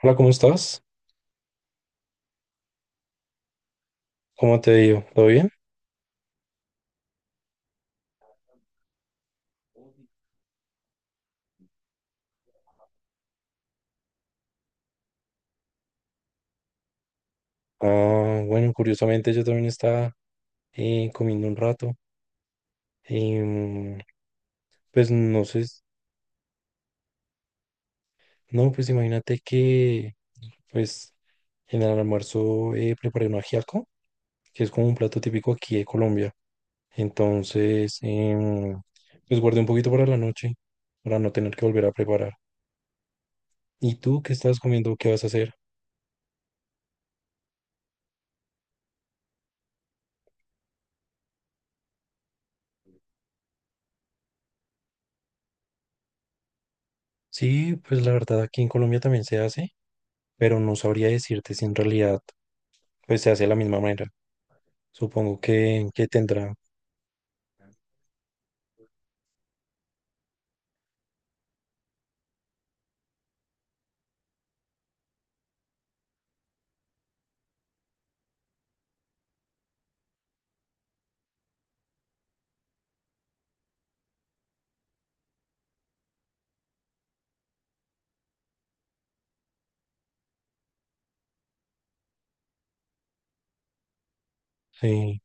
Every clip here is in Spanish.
Hola, ¿cómo estás? ¿Cómo te digo? ¿Todo bien? Ah, bueno, curiosamente yo también estaba comiendo un rato. Em, pues no sé, no, pues imagínate que pues en el almuerzo preparé un ajiaco, que es como un plato típico aquí de Colombia. Entonces, pues guardé un poquito para la noche, para no tener que volver a preparar. ¿Y tú qué estás comiendo? ¿Qué vas a hacer? Sí, pues la verdad aquí en Colombia también se hace, pero no sabría decirte si en realidad pues se hace de la misma manera. Supongo que tendrá, sí.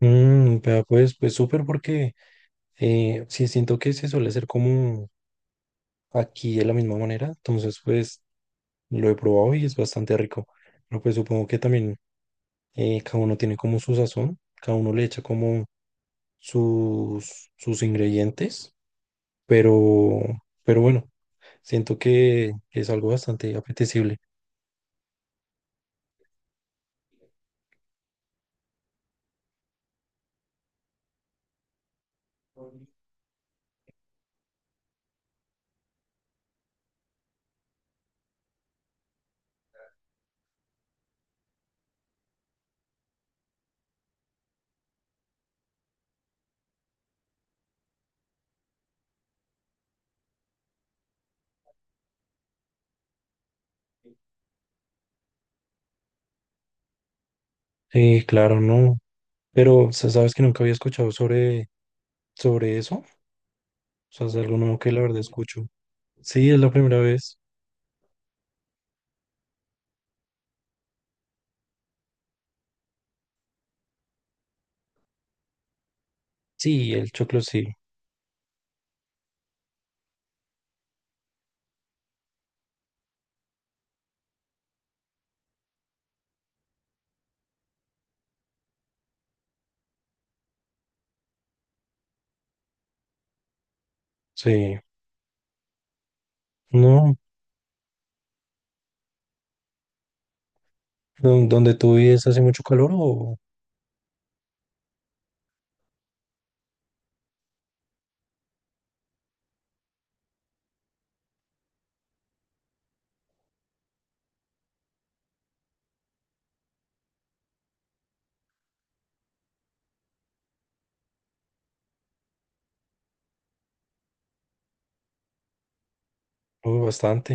Mm, vea, pues, pues súper porque sí siento que se suele hacer como aquí de la misma manera, entonces pues lo he probado y es bastante rico. Pero pues supongo que también cada uno tiene como su sazón, cada uno le echa como sus ingredientes, pero, pero bueno, siento que es algo bastante apetecible. Claro, no, pero sabes que nunca había escuchado sobre eso. O sea, es algo nuevo que la verdad escucho. Sí, es la primera vez. Sí, el choclo sí. Sí. No, ¿donde tú vives hace mucho calor o bastante?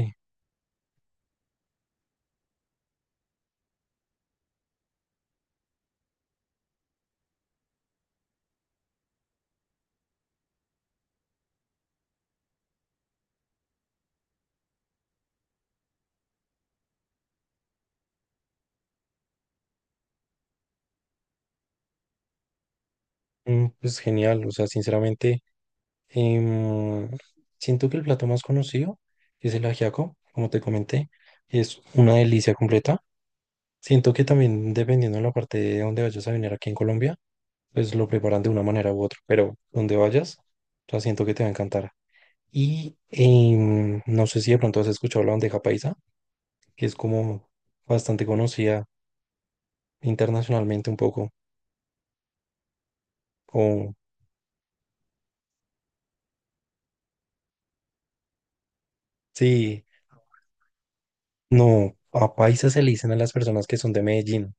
Mm, pues genial. O sea, sinceramente, em, siento que el plato más conocido es el ajiaco, como te comenté. Es una delicia completa. Siento que también dependiendo de la parte de donde vayas a venir aquí en Colombia, pues lo preparan de una manera u otra. Pero donde vayas, o sea, siento que te va a encantar. Y no sé si de pronto has escuchado la bandeja paisa, que es como bastante conocida internacionalmente un poco. O sí, no, a paisa se le dicen a las personas que son de Medellín.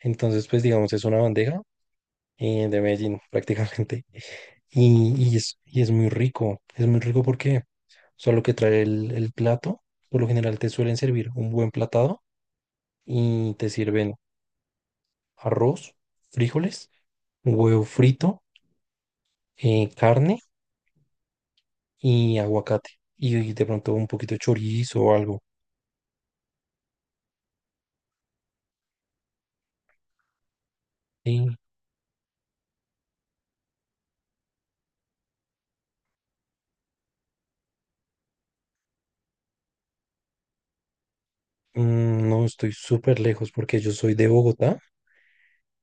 Entonces, pues digamos, es una bandeja de Medellín prácticamente. Y, y es muy rico porque solo que trae el plato, por lo general te suelen servir un buen platado y te sirven arroz, frijoles, huevo frito, carne y aguacate. Y, de pronto un poquito de chorizo o algo. Y mm, no estoy súper lejos porque yo soy de Bogotá.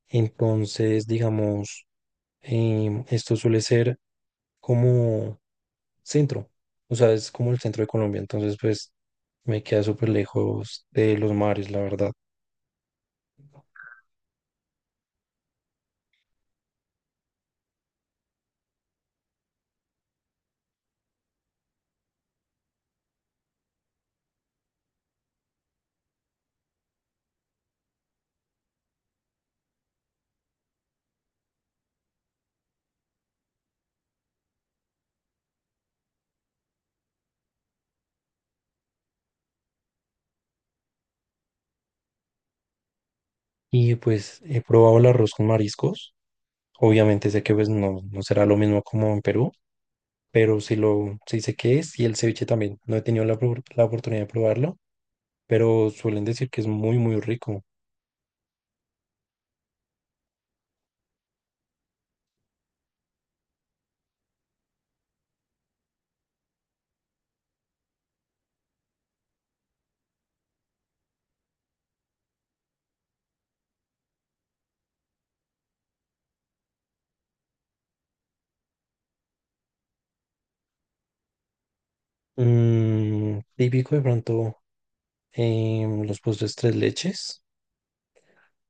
Entonces, digamos, esto suele ser como centro. O sea, es como el centro de Colombia. Entonces, pues me queda súper lejos de los mares, la verdad. Y pues he probado el arroz con mariscos. Obviamente sé que pues no, no será lo mismo como en Perú, pero sí lo sí sé qué es y el ceviche también. No he tenido la, la oportunidad de probarlo, pero suelen decir que es muy, muy rico. Mm, típico de pronto los postres tres leches,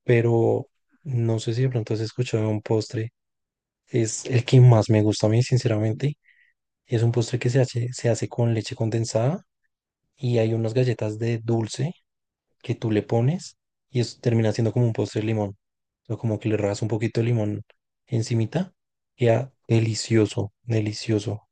pero no sé si de pronto has escuchado un postre. Es el que más me gusta a mí, sinceramente. Es un postre que se hace con leche condensada y hay unas galletas de dulce que tú le pones y eso termina siendo como un postre de limón. O como que le rajas un poquito de limón encimita. Queda delicioso, delicioso.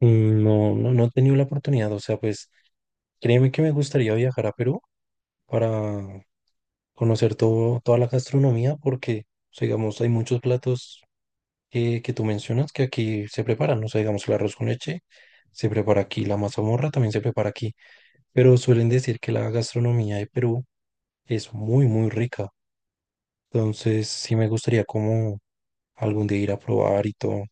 Mm, no, no, no he tenido la oportunidad, o sea, pues créeme que me gustaría viajar a Perú para conocer todo, toda la gastronomía porque, o sea, digamos, hay muchos platos que tú mencionas que aquí se preparan, ¿no? O sea, digamos, el arroz con leche se prepara aquí, la mazamorra también se prepara aquí, pero suelen decir que la gastronomía de Perú es muy, muy rica. Entonces, sí me gustaría como algún día ir a probar y todo.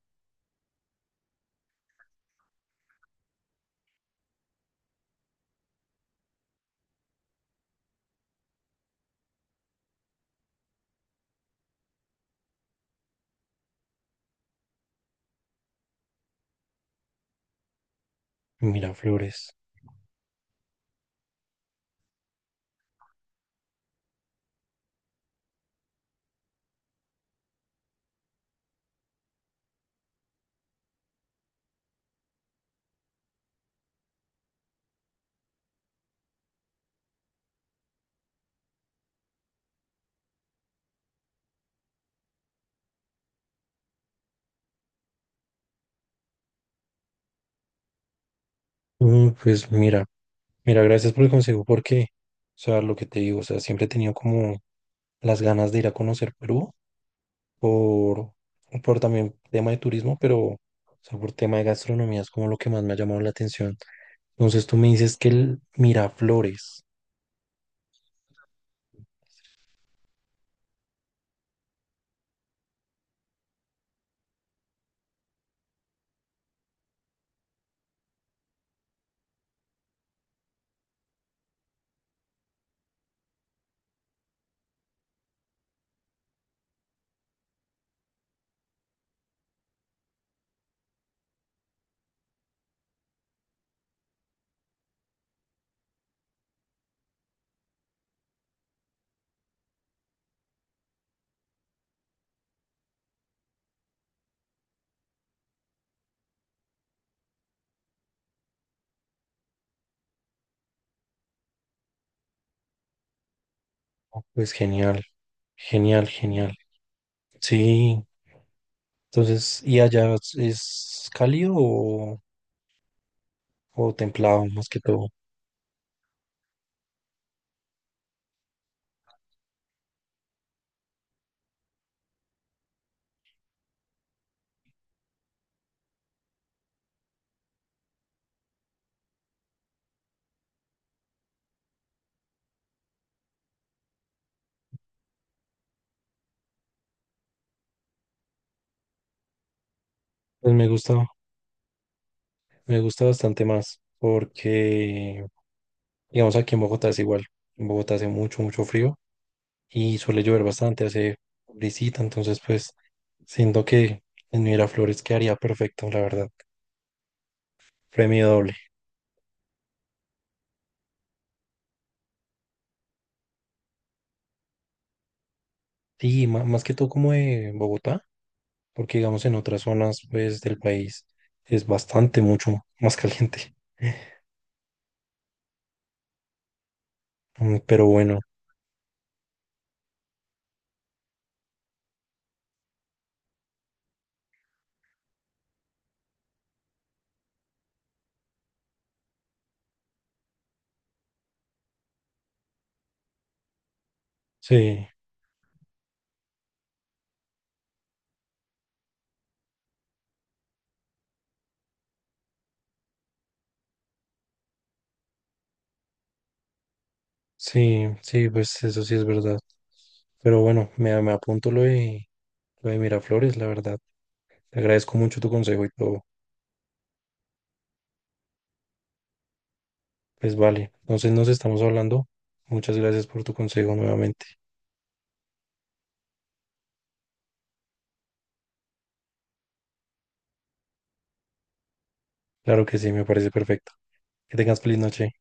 Mira, Flores. Mm, pues mira, mira, gracias por el consejo porque, o sea, lo que te digo, o sea, siempre he tenido como las ganas de ir a conocer Perú por, por también tema de turismo, pero o sea, por tema de gastronomía es como lo que más me ha llamado la atención. Entonces tú me dices que el Miraflores, pues genial, genial, genial. Sí, entonces, ¿y allá es cálido o templado más que todo? Pues me gusta bastante más porque, digamos, aquí en Bogotá es igual. En Bogotá hace mucho, mucho frío y suele llover bastante, hace brisita, entonces pues siento que en Miraflores quedaría perfecto, la verdad. Premio doble. Sí, más que todo como de Bogotá, porque digamos en otras zonas pues del país es bastante mucho más caliente. Mm, pero bueno, sí, sí, sí, pues eso sí es verdad. Pero bueno, me apunto lo de Miraflores, la verdad. Te agradezco mucho tu consejo y todo. Pues vale, entonces nos estamos hablando. Muchas gracias por tu consejo nuevamente. Claro que sí, me parece perfecto. Que tengas feliz noche.